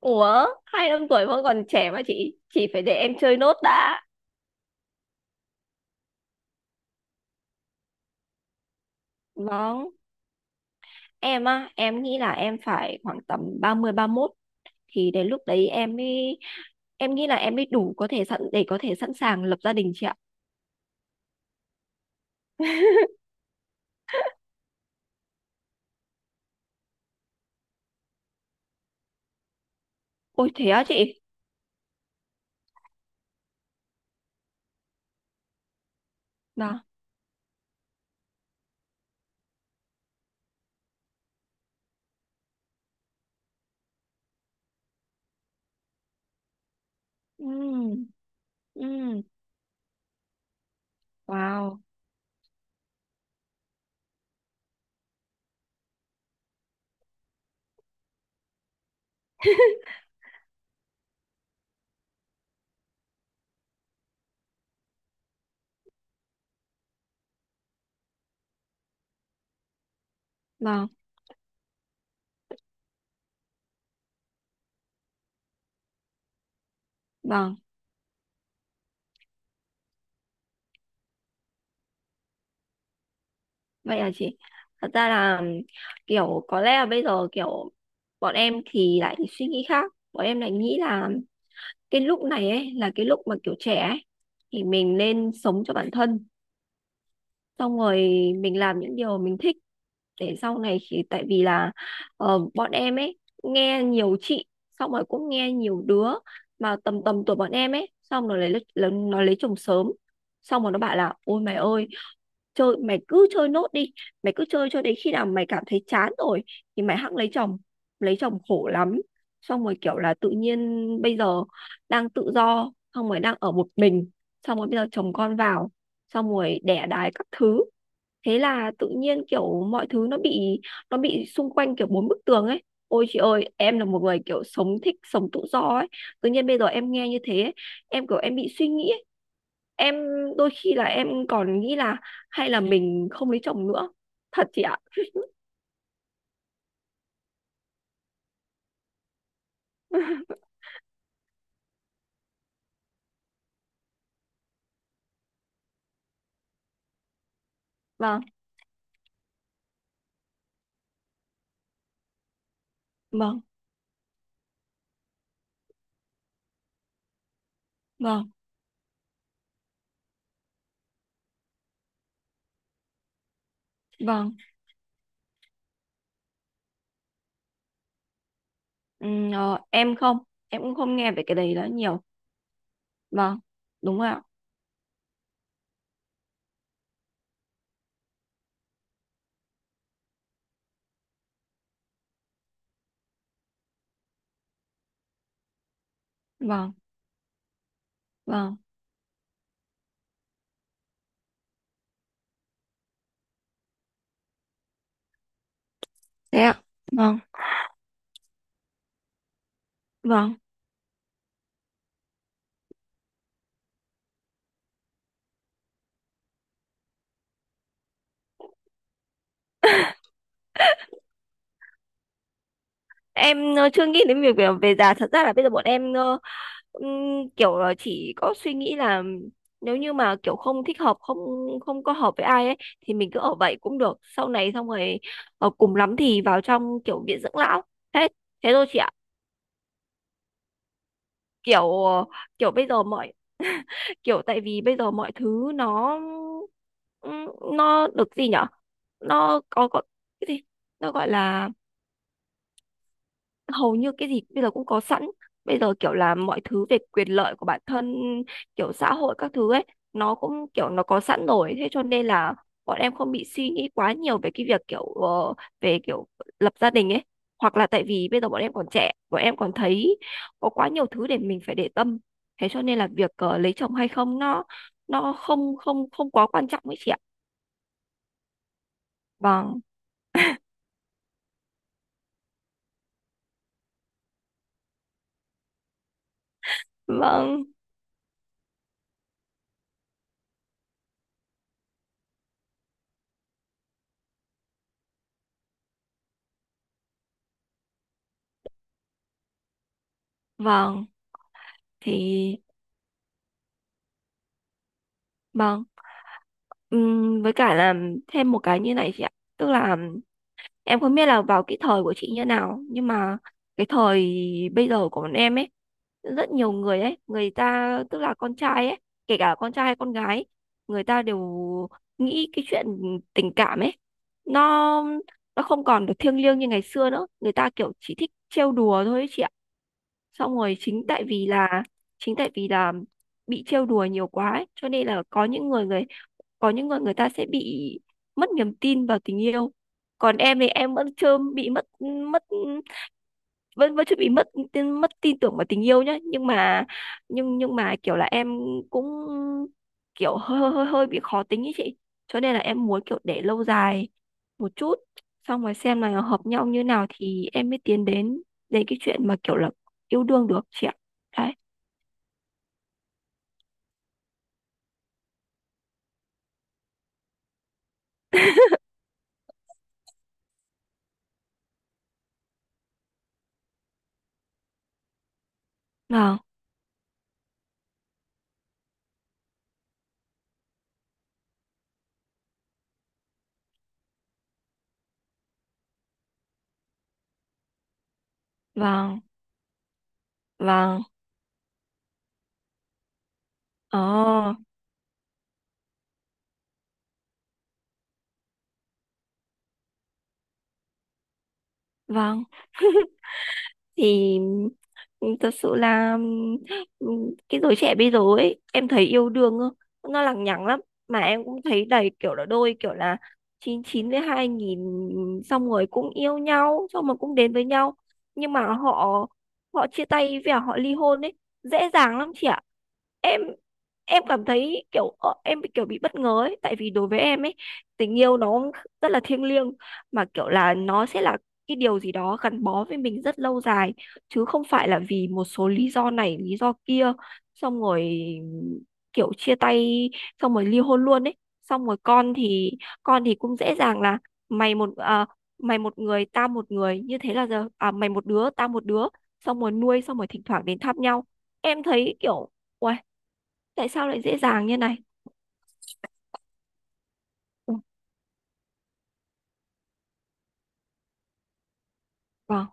Ủa, 25 tuổi vẫn còn trẻ mà chị phải để em chơi nốt đã. Vâng, em á, em nghĩ là em phải khoảng tầm 30, 31 thì đến lúc đấy em mới em nghĩ là em mới đủ có thể sẵn sàng lập gia đình chị ạ. Ôi thế á chị. Đó. Ừm. Ừm. Wow. Vâng, vâng. Vậy là chị. Thật ra là kiểu có lẽ là bây giờ kiểu bọn em thì lại suy nghĩ khác. Bọn em lại nghĩ là cái lúc này ấy là cái lúc mà kiểu trẻ ấy, thì mình nên sống cho bản thân, xong rồi mình làm những điều mình thích để sau này khi tại vì là bọn em ấy nghe nhiều chị, xong rồi cũng nghe nhiều đứa mà tầm tầm tuổi bọn em ấy, xong rồi nó lấy chồng sớm, xong rồi nó bảo là ôi mày ơi, mày cứ chơi nốt đi, mày cứ chơi cho đến khi nào mày cảm thấy chán rồi thì mày hẵng lấy chồng. Lấy chồng khổ lắm, xong rồi kiểu là tự nhiên bây giờ đang tự do, xong rồi đang ở một mình, xong rồi bây giờ chồng con vào, xong rồi đẻ đái các thứ, thế là tự nhiên kiểu mọi thứ nó bị xung quanh kiểu bốn bức tường ấy. Ôi chị ơi, em là một người kiểu thích sống tự do ấy, tự nhiên bây giờ em nghe như thế ấy, em kiểu em bị suy nghĩ ấy. Em đôi khi là em còn nghĩ là hay là mình không lấy chồng nữa, thật chị ạ. Vâng. Vâng. Vâng. Vâng. Ờ, em không em cũng không nghe về cái đấy đó nhiều. Vâng. Đúng rồi ạ. Vâng. Vâng. Thế ạ. Vâng. Vâng. Em chưa nghĩ đến việc về già, thật ra là bây giờ bọn em kiểu là chỉ có suy nghĩ là nếu như mà kiểu không thích hợp, không không có hợp với ai ấy thì mình cứ ở vậy cũng được, sau này xong rồi cùng lắm thì vào trong kiểu viện dưỡng lão, thế thế thôi chị ạ. Kiểu ờ, kiểu bây giờ mọi kiểu tại vì bây giờ mọi thứ ừm, nó được gì nhở? Nó có cái gì, nó gọi là hầu như cái gì bây giờ cũng có sẵn. Bây giờ kiểu là mọi thứ về quyền lợi của bản thân, kiểu xã hội các thứ ấy, nó cũng kiểu nó có sẵn rồi, thế cho nên là bọn em không bị suy nghĩ quá nhiều về cái việc kiểu về kiểu lập gia đình ấy, hoặc là tại vì bây giờ bọn em còn trẻ, bọn em còn thấy có quá nhiều thứ để mình phải để tâm, thế cho nên là việc lấy chồng hay không, nó không không không quá quan trọng ấy chị ạ. Vâng. Vâng. Vâng. Thì vâng. Với cả là thêm một cái như này chị ạ, tức là em không biết là vào cái thời của chị như nào, nhưng mà cái thời bây giờ của bọn em ấy, rất nhiều người ấy, người ta tức là con trai ấy, kể cả con trai hay con gái, người ta đều nghĩ cái chuyện tình cảm ấy, nó nó không còn được thiêng liêng như ngày xưa nữa, người ta kiểu chỉ thích trêu đùa thôi ấy chị ạ. Xong rồi chính tại vì là bị trêu đùa nhiều quá ấy, cho nên là có những người, người ta sẽ bị mất niềm tin vào tình yêu. Còn em thì em vẫn chưa bị mất mất, vẫn vẫn chưa bị mất tin tưởng vào tình yêu nhá, nhưng mà kiểu là em cũng kiểu hơi hơi hơi hơi bị khó tính ý chị, cho nên là em muốn kiểu để lâu dài một chút, xong rồi xem là hợp nhau như nào thì em mới tiến đến đến cái chuyện mà kiểu là yêu đương được chị ạ. Đấy. Vâng. Vâng. Vâng. Ờ. Vâng. Thì thật sự là cái giới trẻ bây giờ ấy em thấy yêu đương nó lằng nhằng lắm. Mà em cũng thấy đầy kiểu là đôi kiểu là 99 với 2000, xong rồi cũng yêu nhau, xong rồi cũng đến với nhau, nhưng mà họ họ chia tay và họ ly hôn ấy, dễ dàng lắm chị ạ. Em em cảm thấy kiểu em bị kiểu bị bất ngờ ấy, tại vì đối với em ấy, tình yêu nó rất là thiêng liêng, mà kiểu là nó sẽ là cái điều gì đó gắn bó với mình rất lâu dài, chứ không phải là vì một số lý do này lý do kia, xong rồi kiểu chia tay, xong rồi ly hôn luôn ấy. Xong rồi con thì cũng dễ dàng là mày một à, mày một người tao một người, như thế là giờ à, mày một đứa tao một đứa, xong rồi nuôi, xong rồi thỉnh thoảng đến thăm nhau. Em thấy kiểu uầy, tại sao lại dễ dàng như này? Ừ. Vâng.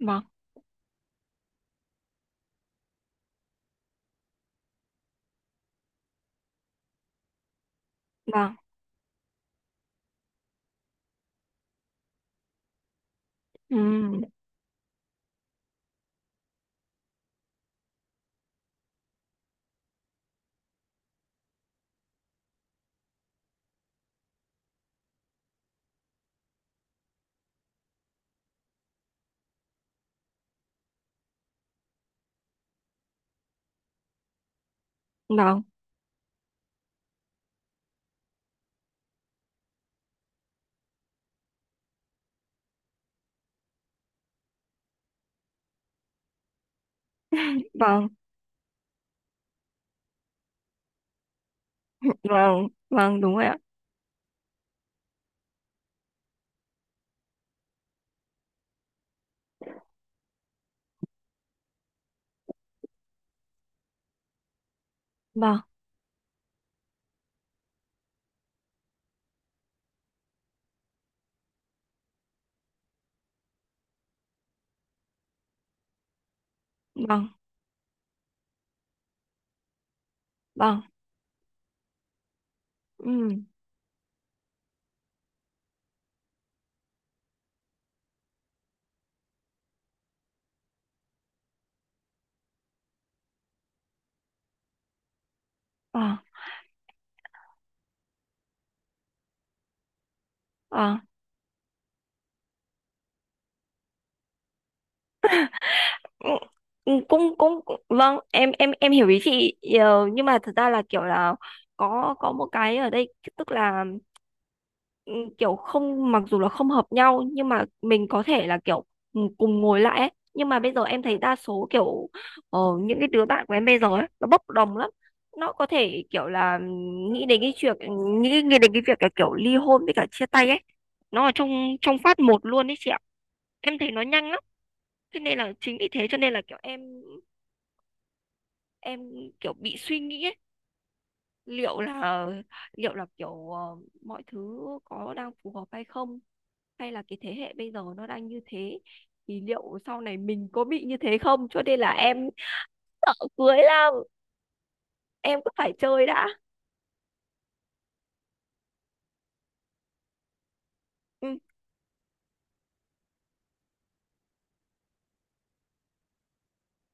Vâng. Vâng. Ừ. Vâng. Vâng. Vâng. Vâng. Vâng, đúng rồi ạ. Vâng. Vâng. Vâng. Ừ. Ờ. Ờ. Ừ. Ừ, cũng cũng cũng- vâng em hiểu ý chị. Ờ, nhưng mà thật ra là kiểu là có một cái ở đây, tức là ừ, kiểu không, mặc dù là không hợp nhau, nhưng mà mình có thể là kiểu cùng ngồi lại ấy. Nhưng mà bây giờ em thấy đa số kiểu những cái đứa bạn của em bây giờ ấy nó bốc đồng lắm, nó có thể kiểu là nghĩ đến cái chuyện nghĩ đến cái việc là kiểu ly hôn với cả chia tay ấy, nó ở trong trong phát một luôn ấy chị ạ, em thấy nó nhanh lắm. Thế nên là chính vì thế cho nên là kiểu em kiểu bị suy nghĩ ấy, liệu là liệu là kiểu mọi thứ có đang phù hợp hay không, hay là cái thế hệ bây giờ nó đang như thế thì liệu sau này mình có bị như thế không, cho nên là em sợ cưới lắm, em cứ phải chơi đã. Ừ,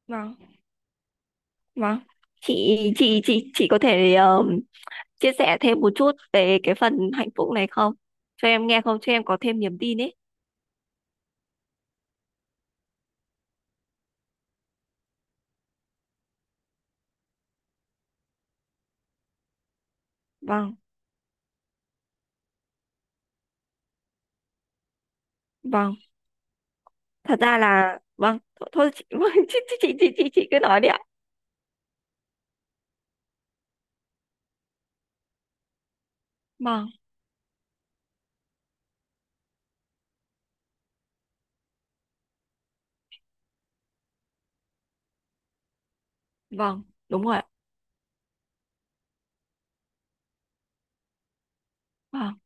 vâng, vâng. Chị có thể chia sẻ thêm một chút về cái phần hạnh phúc này không, cho em nghe, không cho em có thêm niềm tin ấy? Vâng. Vâng, thật ra là vâng thôi, thôi chị, vâng, chị, chị cứ nói đi ạ. Vâng. Vâng, đúng rồi ạ. Vâng.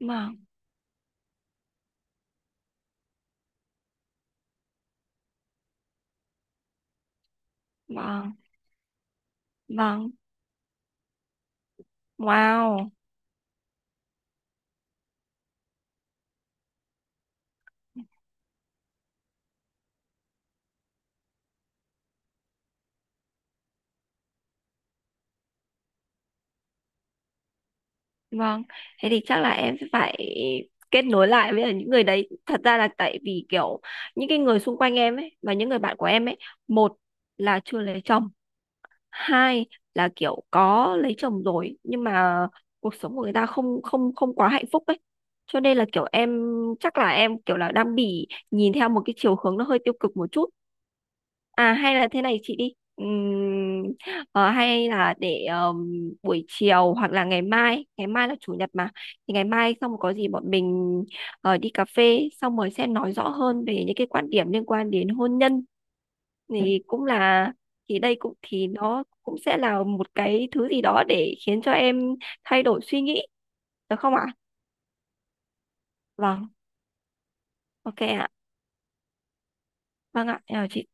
Vâng. Vâng. Vâng. Wow. Vâng. Thế thì chắc là em sẽ phải kết nối lại với những người đấy, thật ra là tại vì kiểu những cái người xung quanh em ấy và những người bạn của em ấy, một là chưa lấy chồng, hai là kiểu có lấy chồng rồi nhưng mà cuộc sống của người ta không không không quá hạnh phúc ấy, cho nên là kiểu em chắc là em kiểu là đang bị nhìn theo một cái chiều hướng nó hơi tiêu cực một chút. À hay là thế này chị đi, hay là để buổi chiều, hoặc là ngày mai là chủ nhật mà, thì ngày mai xong rồi có gì bọn mình đi cà phê, xong rồi sẽ nói rõ hơn về những cái quan điểm liên quan đến hôn nhân, thì cũng là, thì nó cũng sẽ là một cái thứ gì đó để khiến cho em thay đổi suy nghĩ, được không ạ? Vâng, ok ạ. Vâng ạ, em chào chị.